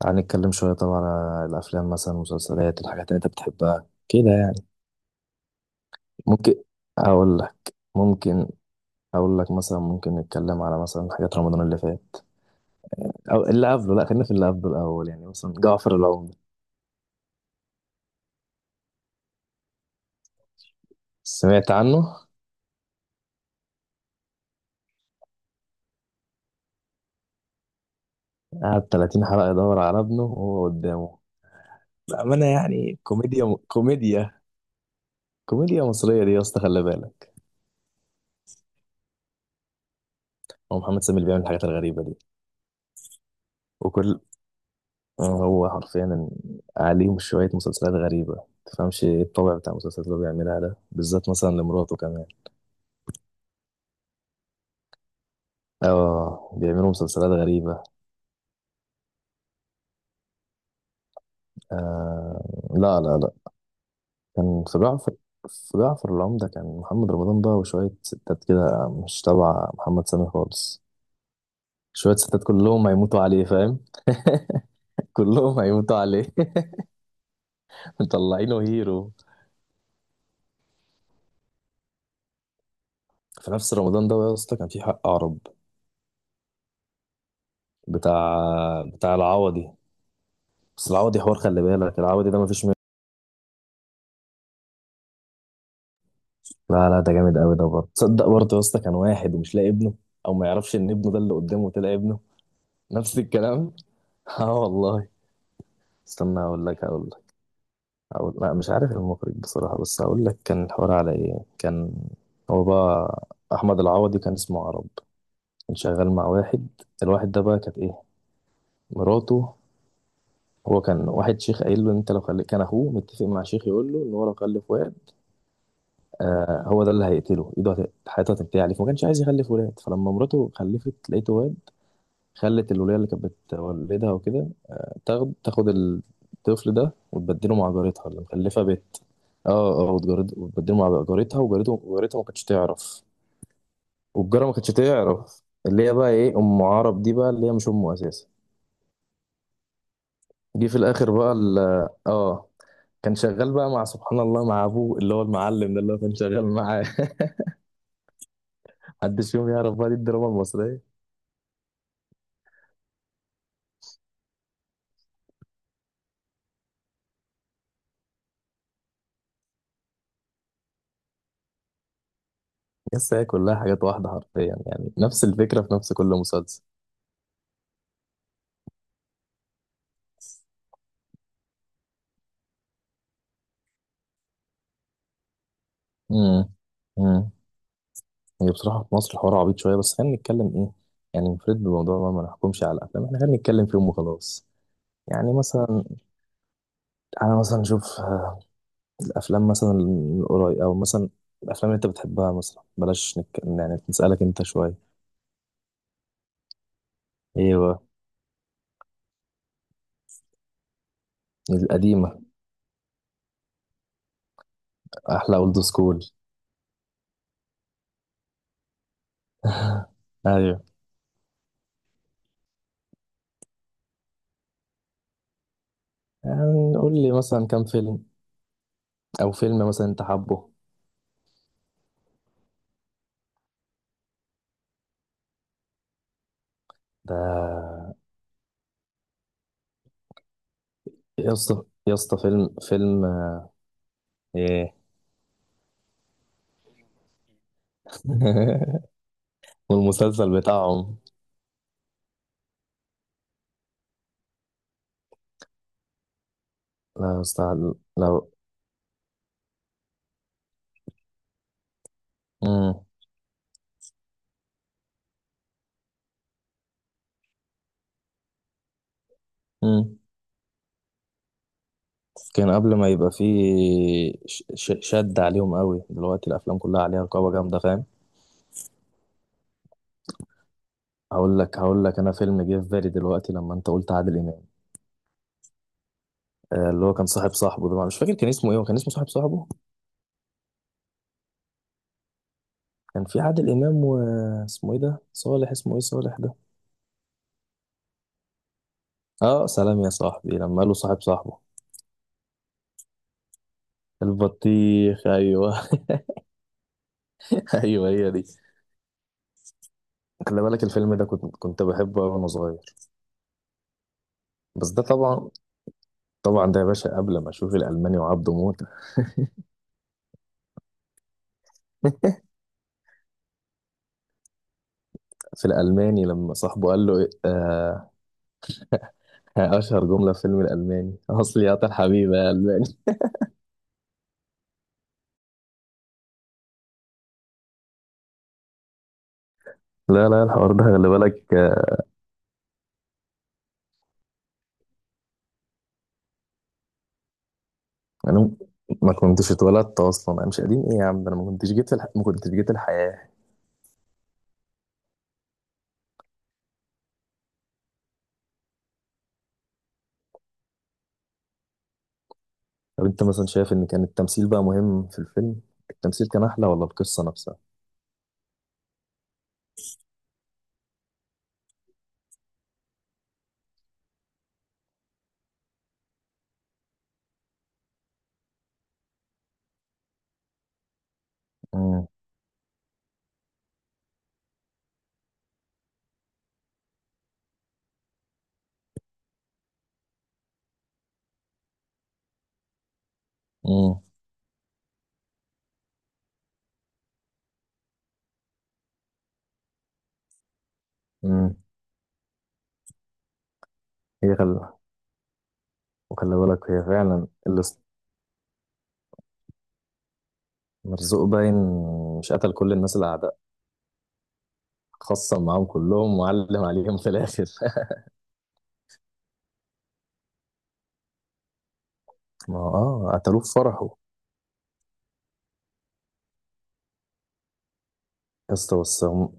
تعال نتكلم شوية طبعا على الأفلام مثلا المسلسلات الحاجات اللي أنت بتحبها كده يعني. ممكن ممكن أقول لك مثلا ممكن نتكلم على مثلا حاجات رمضان اللي فات أو اللي قبله، لا خلينا في اللي قبله الأول يعني مثلا جعفر العمدة. سمعت عنه. قعد 30 حلقة يدور على ابنه وهو قدامه بأمانة، يعني كوميديا كوميديا كوميديا مصرية دي يا اسطى خلي بالك. هو محمد سامي اللي بيعمل الحاجات الغريبة دي. وكل هو حرفيا عليهم شوية مسلسلات غريبة، تفهمش ايه الطبع بتاع المسلسلات اللي هو بيعملها ده بالذات مثلا لمراته كمان. اه بيعملوا مسلسلات غريبة. آه، لا لا لا. كان في جعفر في جعفر العمدة كان محمد رمضان بقى وشوية ستات كده مش تبع محمد سامي خالص. شوية ستات كلهم هيموتوا عليه فاهم. كلهم هيموتوا عليه. مطلعينه هيرو. في نفس رمضان ده يا اسطى كان في حق عرب. بتاع بتاع العوضي. بس العوضي حوار، خلي بالك العوضي ده مفيش منه. لا لا، ده جامد قوي ده برضه، تصدق برضه يا اسطى كان واحد ومش لاقي ابنه او ما يعرفش ان ابنه ده اللي قدامه طلع ابنه. نفس الكلام. اه والله. استنى اقول لك. لا مش عارف المخرج بصراحة، بس اقول لك كان الحوار على ايه. كان هو بقى احمد العوضي كان اسمه عرب، كان شغال مع واحد. الواحد ده بقى كانت ايه، مراته. هو كان واحد شيخ قايل له انت لو خلي، كان اخوه متفق مع شيخ يقول له ان هو لو خلف واد، آه، هو ده اللي هيقتله ايده حياته هتنتهي عليه، فما كانش عايز يخلف ولاد. فلما مراته خلفت لقيته واد، خلت الولية اللي كانت بتولدها وكده تاخد الطفل ده وتبدله مع جارتها اللي مخلفة بنت. اه اه، وتبدله مع جارتها، جارتها ما كانتش تعرف. والجارة ما كانتش تعرف، اللي هي بقى ايه ام عرب دي بقى، اللي هي مش امه اساسا. جه في الاخر بقى كان شغال بقى مع سبحان الله مع ابوه اللي هو المعلم ده اللي هو كان شغال معاه. محدش فيهم يعرف بقى، دي الدراما المصرية. يس، هي كلها حاجات واحدة حرفيا يعني، نفس الفكرة في نفس كل مسلسل. امم امم هي بصراحة في مصر الحوار عبيط شوية، بس خلينا نتكلم ايه يعني، نفرد بالموضوع بقى، ما نحكمش على الأفلام، احنا خلينا نتكلم فيهم وخلاص. يعني مثلا أنا مثلا أشوف الأفلام مثلا القريب أو مثلا الأفلام اللي أنت بتحبها، مثلا بلاش يعني نسألك أنت شوية. ايه بقى. القديمة. أحلى أولد سكول. أيوه. يعني قول لي مثلا كام فيلم أو فيلم مثلا أنت حابه. ده يا اسطى يا اسطى فيلم فيلم ايه. والمسلسل بتاعهم. لا استاذ لو. مم. مم. كان قبل ما يبقى فيه شد عليهم قوي دلوقتي، الافلام كلها عليها رقابه جامده فاهم. هقول لك انا. فيلم جه في بالي دلوقتي لما انت قلت عادل امام، آه، اللي هو كان صاحب صاحبه ده مش فاكر كان اسمه ايه، هو كان اسمه صاحب صاحبه. كان في عادل امام، واسمه ايه ده، صالح، اسمه ايه، صالح ده. اه، سلام يا صاحبي لما قاله صاحب صاحبه. البطيخ ايوه. ايوه هي دي. خلي بالك الفيلم ده كنت بحبه أوي وانا صغير، بس ده طبعا طبعا، ده يا باشا قبل ما اشوف الالماني وعبده موته. في الالماني لما صاحبه قال له اشهر جمله في فيلم الالماني. اصلي يا طال حبيبي يا الماني. لا لا، الحوار ده خلي بالك، آه، انا ما كنتش اتولدت اصلا، انا مش قديم ايه يا عم، ده انا ما كنتش جيت ما كنتش جيت الحياه. طب انت مثلا شايف ان كان التمثيل بقى مهم في الفيلم، التمثيل كان احلى ولا القصه نفسها. امم. امم. امم. هي خل... وخلي بالك هي فعلا اللي، مرزوق باين، مش قتل كل الناس اللي خصم معاهم كلهم وعلم عليهم في الاخر. ما هو قتلوه في فرحه. يا اسطى بس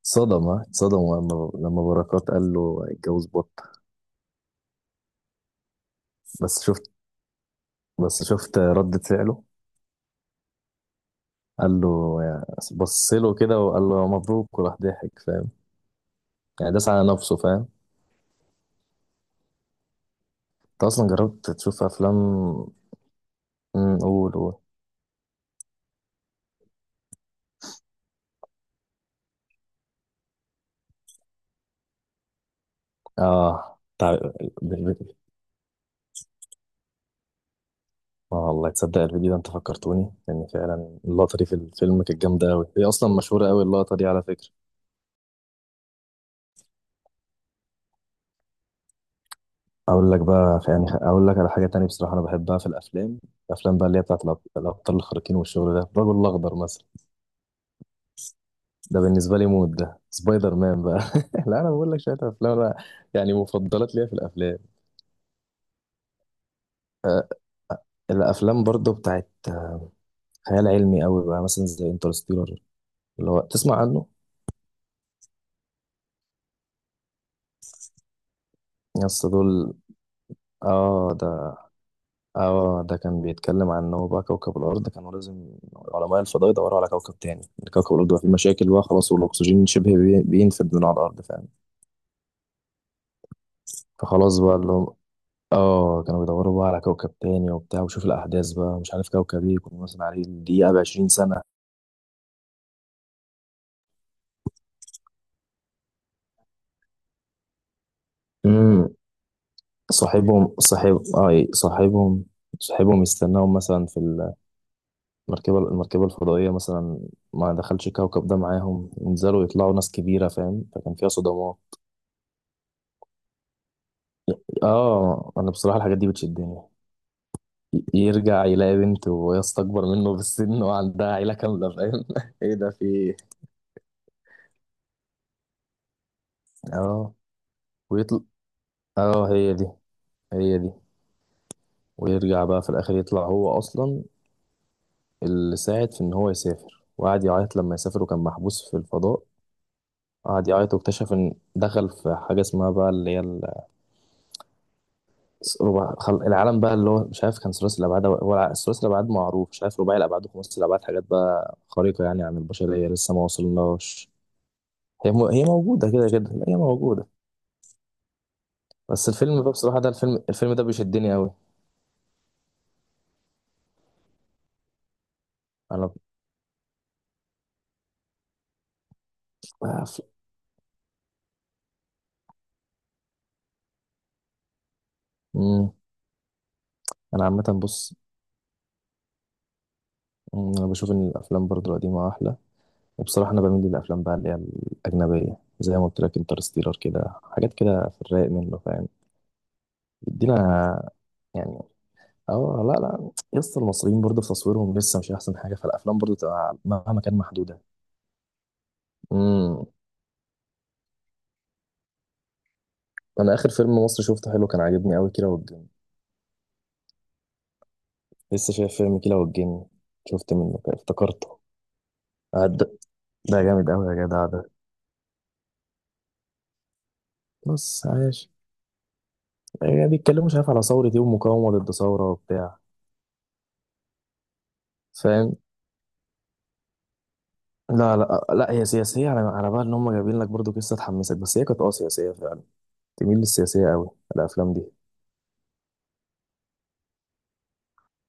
اتصدم، ها، اتصدم لما بركات قال له اتجوز بط. بس شفت بس شفت ردة فعله، قال له، بص له كده وقال له مبروك وراح ضحك فاهم، يعني داس على نفسه فاهم. انت اصلا جربت تشوف افلام. امم، قول قول. اه تع... بالفيديو. اه والله، تصدق الفيديو ده انت فكرتوني، لان فعلا اللقطه دي في الفيلم كانت جامده قوي، هي اصلا مشهوره قوي اللقطه دي على فكره. اقول لك على حاجه تانية بصراحه، انا بحبها في الافلام. الافلام بقى اللي هي بتاعت الابطال الخارقين والشغل ده، الرجل الاخضر مثلا، ده بالنسبه لي مود، ده سبايدر مان بقى. لا انا بقول لك شويه افلام أنا يعني مفضلات ليا في الافلام. أه الافلام برضو بتاعت خيال علمي قوي بقى مثلا زي انترستيلر، اللي هو تسمع عنه. يس دول. اه ده اه ده كان بيتكلم عن ان هو بقى كوكب الارض كانوا لازم علماء الفضاء يدوروا على كوكب تاني. كوكب الارض بقى فيه مشاكل بقى خلاص والاكسجين شبه بينفد من على الارض فاهم. فخلاص بقى اللي هو، اه كانوا بيدوروا بقى على كوكب تاني وبتاع، وشوف الأحداث بقى، مش عارف كوكب ايه كنا مثلا عليه الدقيقة ب20 سنة. امم. صاحبهم صاحبهم يستناهم مثلا في المركبة الفضائية مثلا. ما دخلش الكوكب ده معاهم، ينزلوا يطلعوا ناس كبيرة فاهم، فكان فيها صدمات. اه انا بصراحة الحاجات دي بتشدني. يرجع يلاقي بنت وهي اكبر منه بالسن وعندها عيلة كاملة فاهم. ايه ده، في إيه؟ اه ويطلع. اه هي دي هي دي. ويرجع بقى في الاخر يطلع هو اصلا اللي ساعد في ان هو يسافر، وقعد يعيط لما يسافر وكان محبوس في الفضاء. قعد يعيط واكتشف ان دخل في حاجه اسمها بقى اللي هي ربع العالم بقى اللي هو مش عارف، كان ثلاثي الابعاد هو ثلاثي الابعاد معروف، مش عارف رباعي الابعاد وخماسي الابعاد، حاجات بقى خارقه يعني عن البشريه لسه ما وصلناش. هي موجوده كده كده، لا هي موجوده. بس الفيلم بقى بصراحه ده الفيلم ده بيشدني قوي. انا آه، ف- مم. انا عامه بص، انا بشوف ان الافلام برضو القديمه احلى، وبصراحة أنا بميل للأفلام بقى اللي هي الأجنبية، زي ما قلت لك انترستيلر كده حاجات كده في الرايق منه فاهم، يدينا يعني. اه لا لا، يس المصريين برضه في تصويرهم لسه مش أحسن حاجة، فالأفلام برضه تبقى مهما كان محدودة. امم أنا آخر فيلم مصري شفته حلو كان عاجبني أوي كيرة والجن. لسه شايف فيلم كيرة والجن، شفت منه كده افتكرته. آه، ده جامد أوي يا جدع ده. بص عايش، يعني بيتكلموا مش عارف على ثورة إيه ومقاومة ضد ثورة وبتاع فاهم. لا لا لا، هي سياسية، على بال ان هم جايبين لك برضو قصة تحمسك، بس هي كانت سياسية فعلا، تميل للسياسية قوي الافلام دي.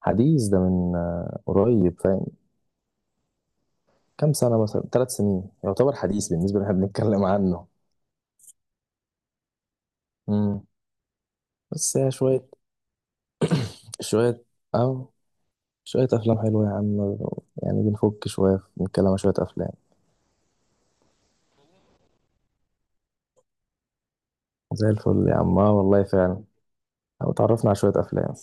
حديث، ده من قريب فاهم. كام سنة، مثلا 3 سنين يعتبر حديث بالنسبة اللي احنا بنتكلم عنه. امم بس هي شوية، شوية او شوية افلام حلوة يا عم، يعني بنفك شوية بنتكلم عن شوية افلام. زي الفل يا عم، آه والله فعلا، او اتعرفنا على شوية افلام.